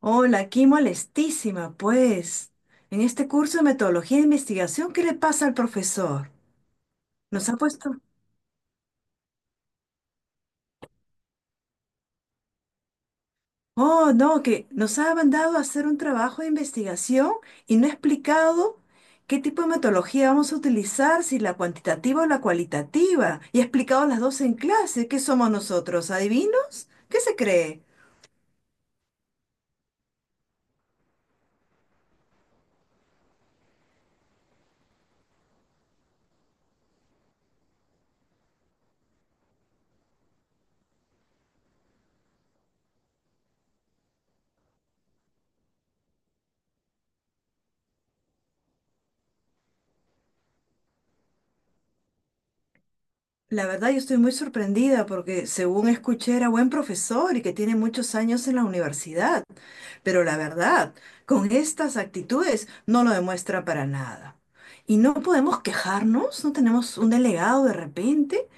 Hola, aquí molestísima, pues. En este curso de metodología de investigación, ¿qué le pasa al profesor? Nos ha puesto... Oh, no, que nos ha mandado a hacer un trabajo de investigación y no ha explicado qué tipo de metodología vamos a utilizar, si la cuantitativa o la cualitativa. Y ha explicado las dos en clase. ¿Qué somos nosotros? ¿Adivinos? ¿Qué se cree? La verdad, yo estoy muy sorprendida porque según escuché era buen profesor y que tiene muchos años en la universidad, pero la verdad, con estas actitudes no lo demuestra para nada. ¿Y no podemos quejarnos? ¿No tenemos un delegado de repente?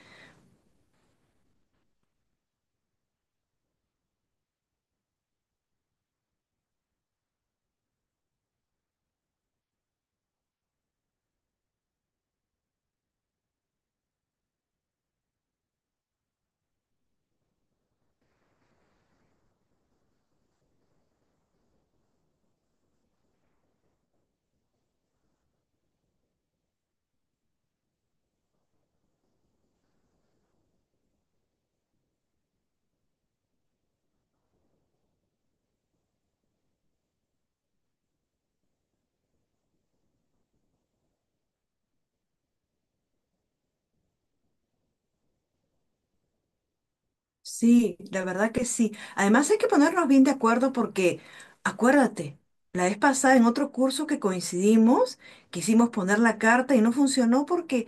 Sí, la verdad que sí. Además hay que ponernos bien de acuerdo porque, acuérdate, la vez pasada en otro curso que coincidimos, quisimos poner la carta y no funcionó porque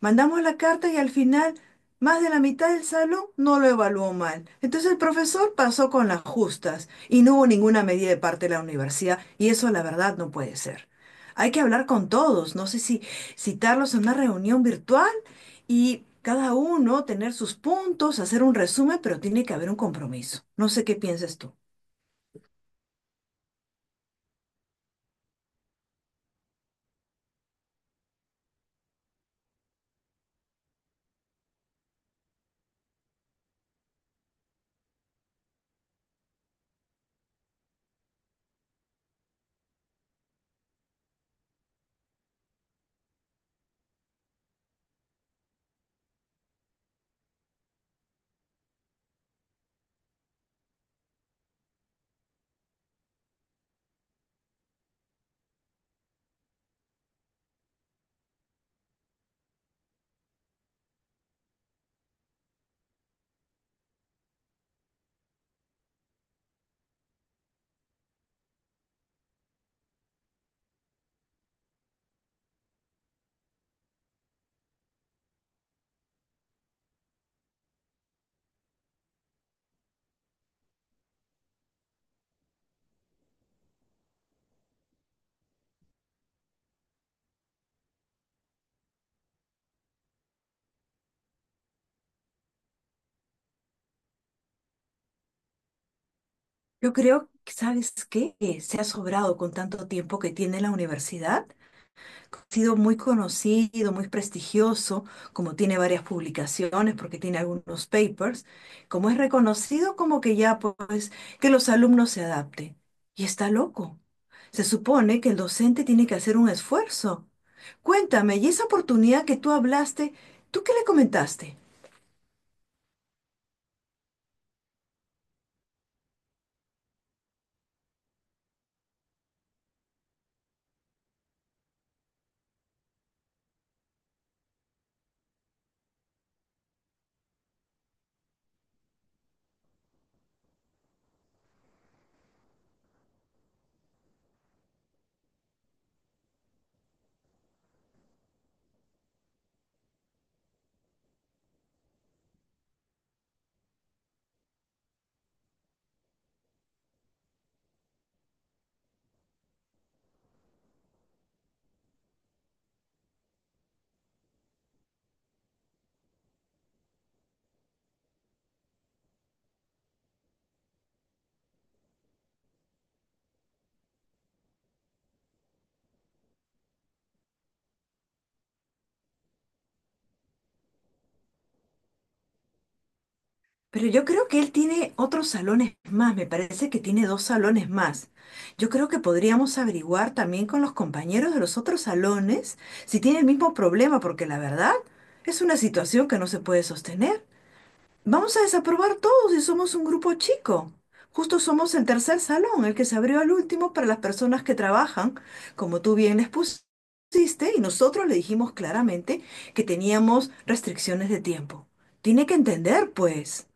mandamos la carta y al final más de la mitad del salón no lo evaluó mal. Entonces el profesor pasó con las justas y no hubo ninguna medida de parte de la universidad y eso la verdad no puede ser. Hay que hablar con todos, no sé si citarlos en una reunión virtual y cada uno tener sus puntos, hacer un resumen, pero tiene que haber un compromiso. No sé qué piensas tú. Yo creo que, ¿sabes qué? Se ha sobrado con tanto tiempo que tiene la universidad, ha sido muy conocido, muy prestigioso, como tiene varias publicaciones, porque tiene algunos papers, como es reconocido, como que ya pues que los alumnos se adapten. Y está loco. Se supone que el docente tiene que hacer un esfuerzo. Cuéntame, ¿y esa oportunidad que tú hablaste, tú qué le comentaste? Pero yo creo que él tiene otros salones más, me parece que tiene dos salones más. Yo creo que podríamos averiguar también con los compañeros de los otros salones si tiene el mismo problema, porque la verdad es una situación que no se puede sostener. Vamos a desaprobar todos si somos un grupo chico. Justo somos el tercer salón, el que se abrió al último para las personas que trabajan, como tú bien les pusiste, y nosotros le dijimos claramente que teníamos restricciones de tiempo. Tiene que entender, pues.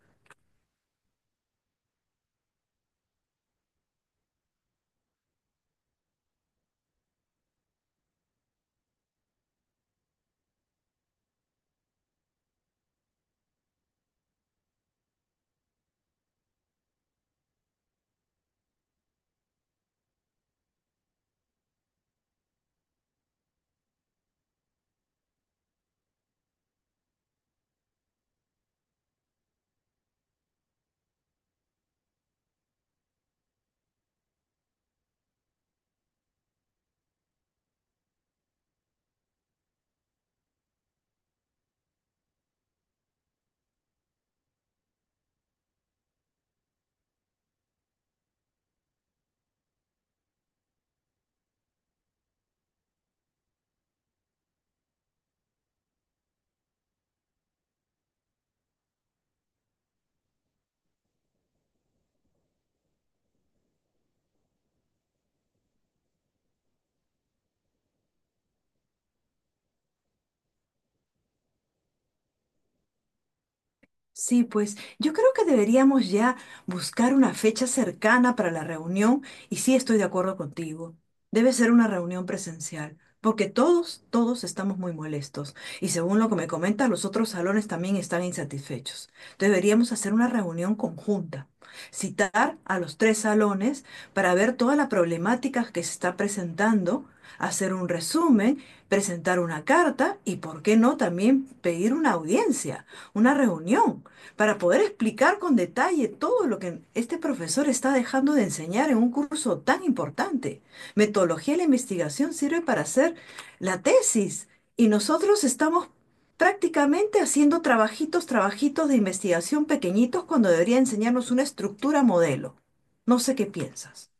Sí, pues yo creo que deberíamos ya buscar una fecha cercana para la reunión y sí estoy de acuerdo contigo. Debe ser una reunión presencial, porque todos, todos estamos muy molestos y según lo que me comentas, los otros salones también están insatisfechos. Deberíamos hacer una reunión conjunta, citar a los tres salones para ver toda la problemática que se está presentando, hacer un resumen, presentar una carta y, ¿por qué no, también pedir una audiencia, una reunión para poder explicar con detalle todo lo que este profesor está dejando de enseñar en un curso tan importante. Metodología de la investigación sirve para hacer la tesis y nosotros estamos prácticamente haciendo trabajitos, trabajitos de investigación pequeñitos cuando debería enseñarnos una estructura modelo. No sé qué piensas.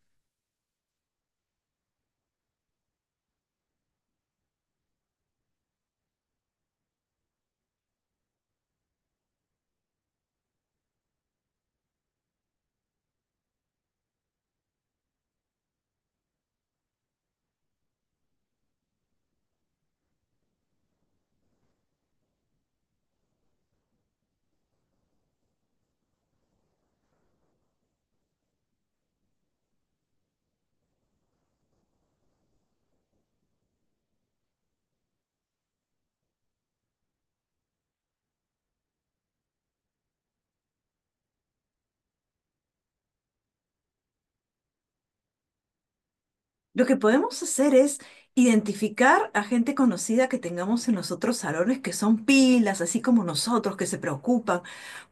Lo que podemos hacer es identificar a gente conocida que tengamos en los otros salones que son pilas, así como nosotros, que se preocupan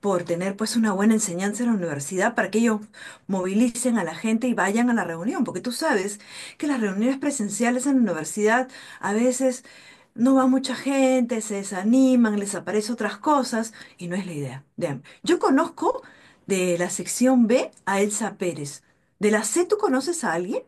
por tener pues una buena enseñanza en la universidad para que ellos movilicen a la gente y vayan a la reunión, porque tú sabes que las reuniones presenciales en la universidad a veces no va mucha gente, se desaniman, les aparecen otras cosas y no es la idea. Vean, yo conozco de la sección B a Elsa Pérez. ¿De la C tú conoces a alguien?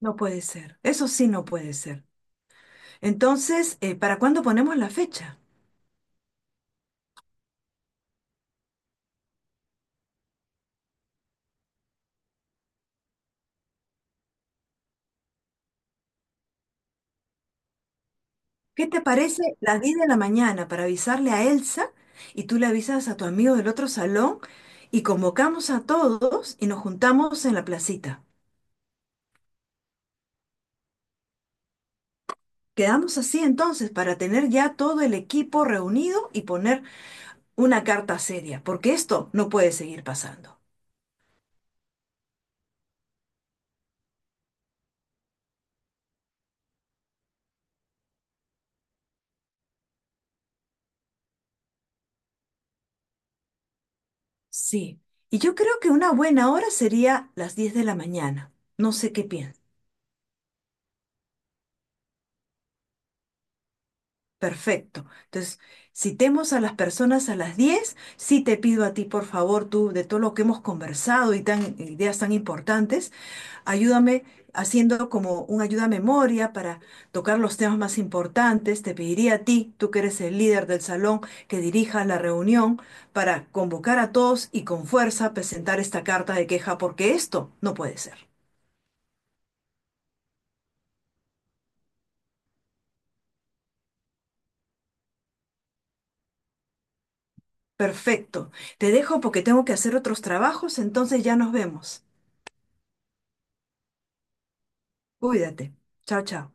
No puede ser. Eso sí no puede ser. Entonces, ¿para cuándo ponemos la fecha? ¿Qué te parece las 10 de la mañana para avisarle a Elsa y tú le avisas a tu amigo del otro salón y convocamos a todos y nos juntamos en la placita? Quedamos así entonces para tener ya todo el equipo reunido y poner una carta seria, porque esto no puede seguir pasando. Sí. Y yo creo que una buena hora sería las 10 de la mañana. No sé qué piensas. Perfecto. Entonces, citemos a las personas a las 10. Sí, te pido a ti, por favor, tú, de todo lo que hemos conversado y tan ideas tan importantes, ayúdame haciendo como un ayuda a memoria para tocar los temas más importantes. Te pediría a ti, tú que eres el líder del salón, que dirija la reunión para convocar a todos y con fuerza presentar esta carta de queja, porque esto no puede ser. Perfecto. Te dejo porque tengo que hacer otros trabajos, entonces ya nos vemos. Cuídate. Chao, chao.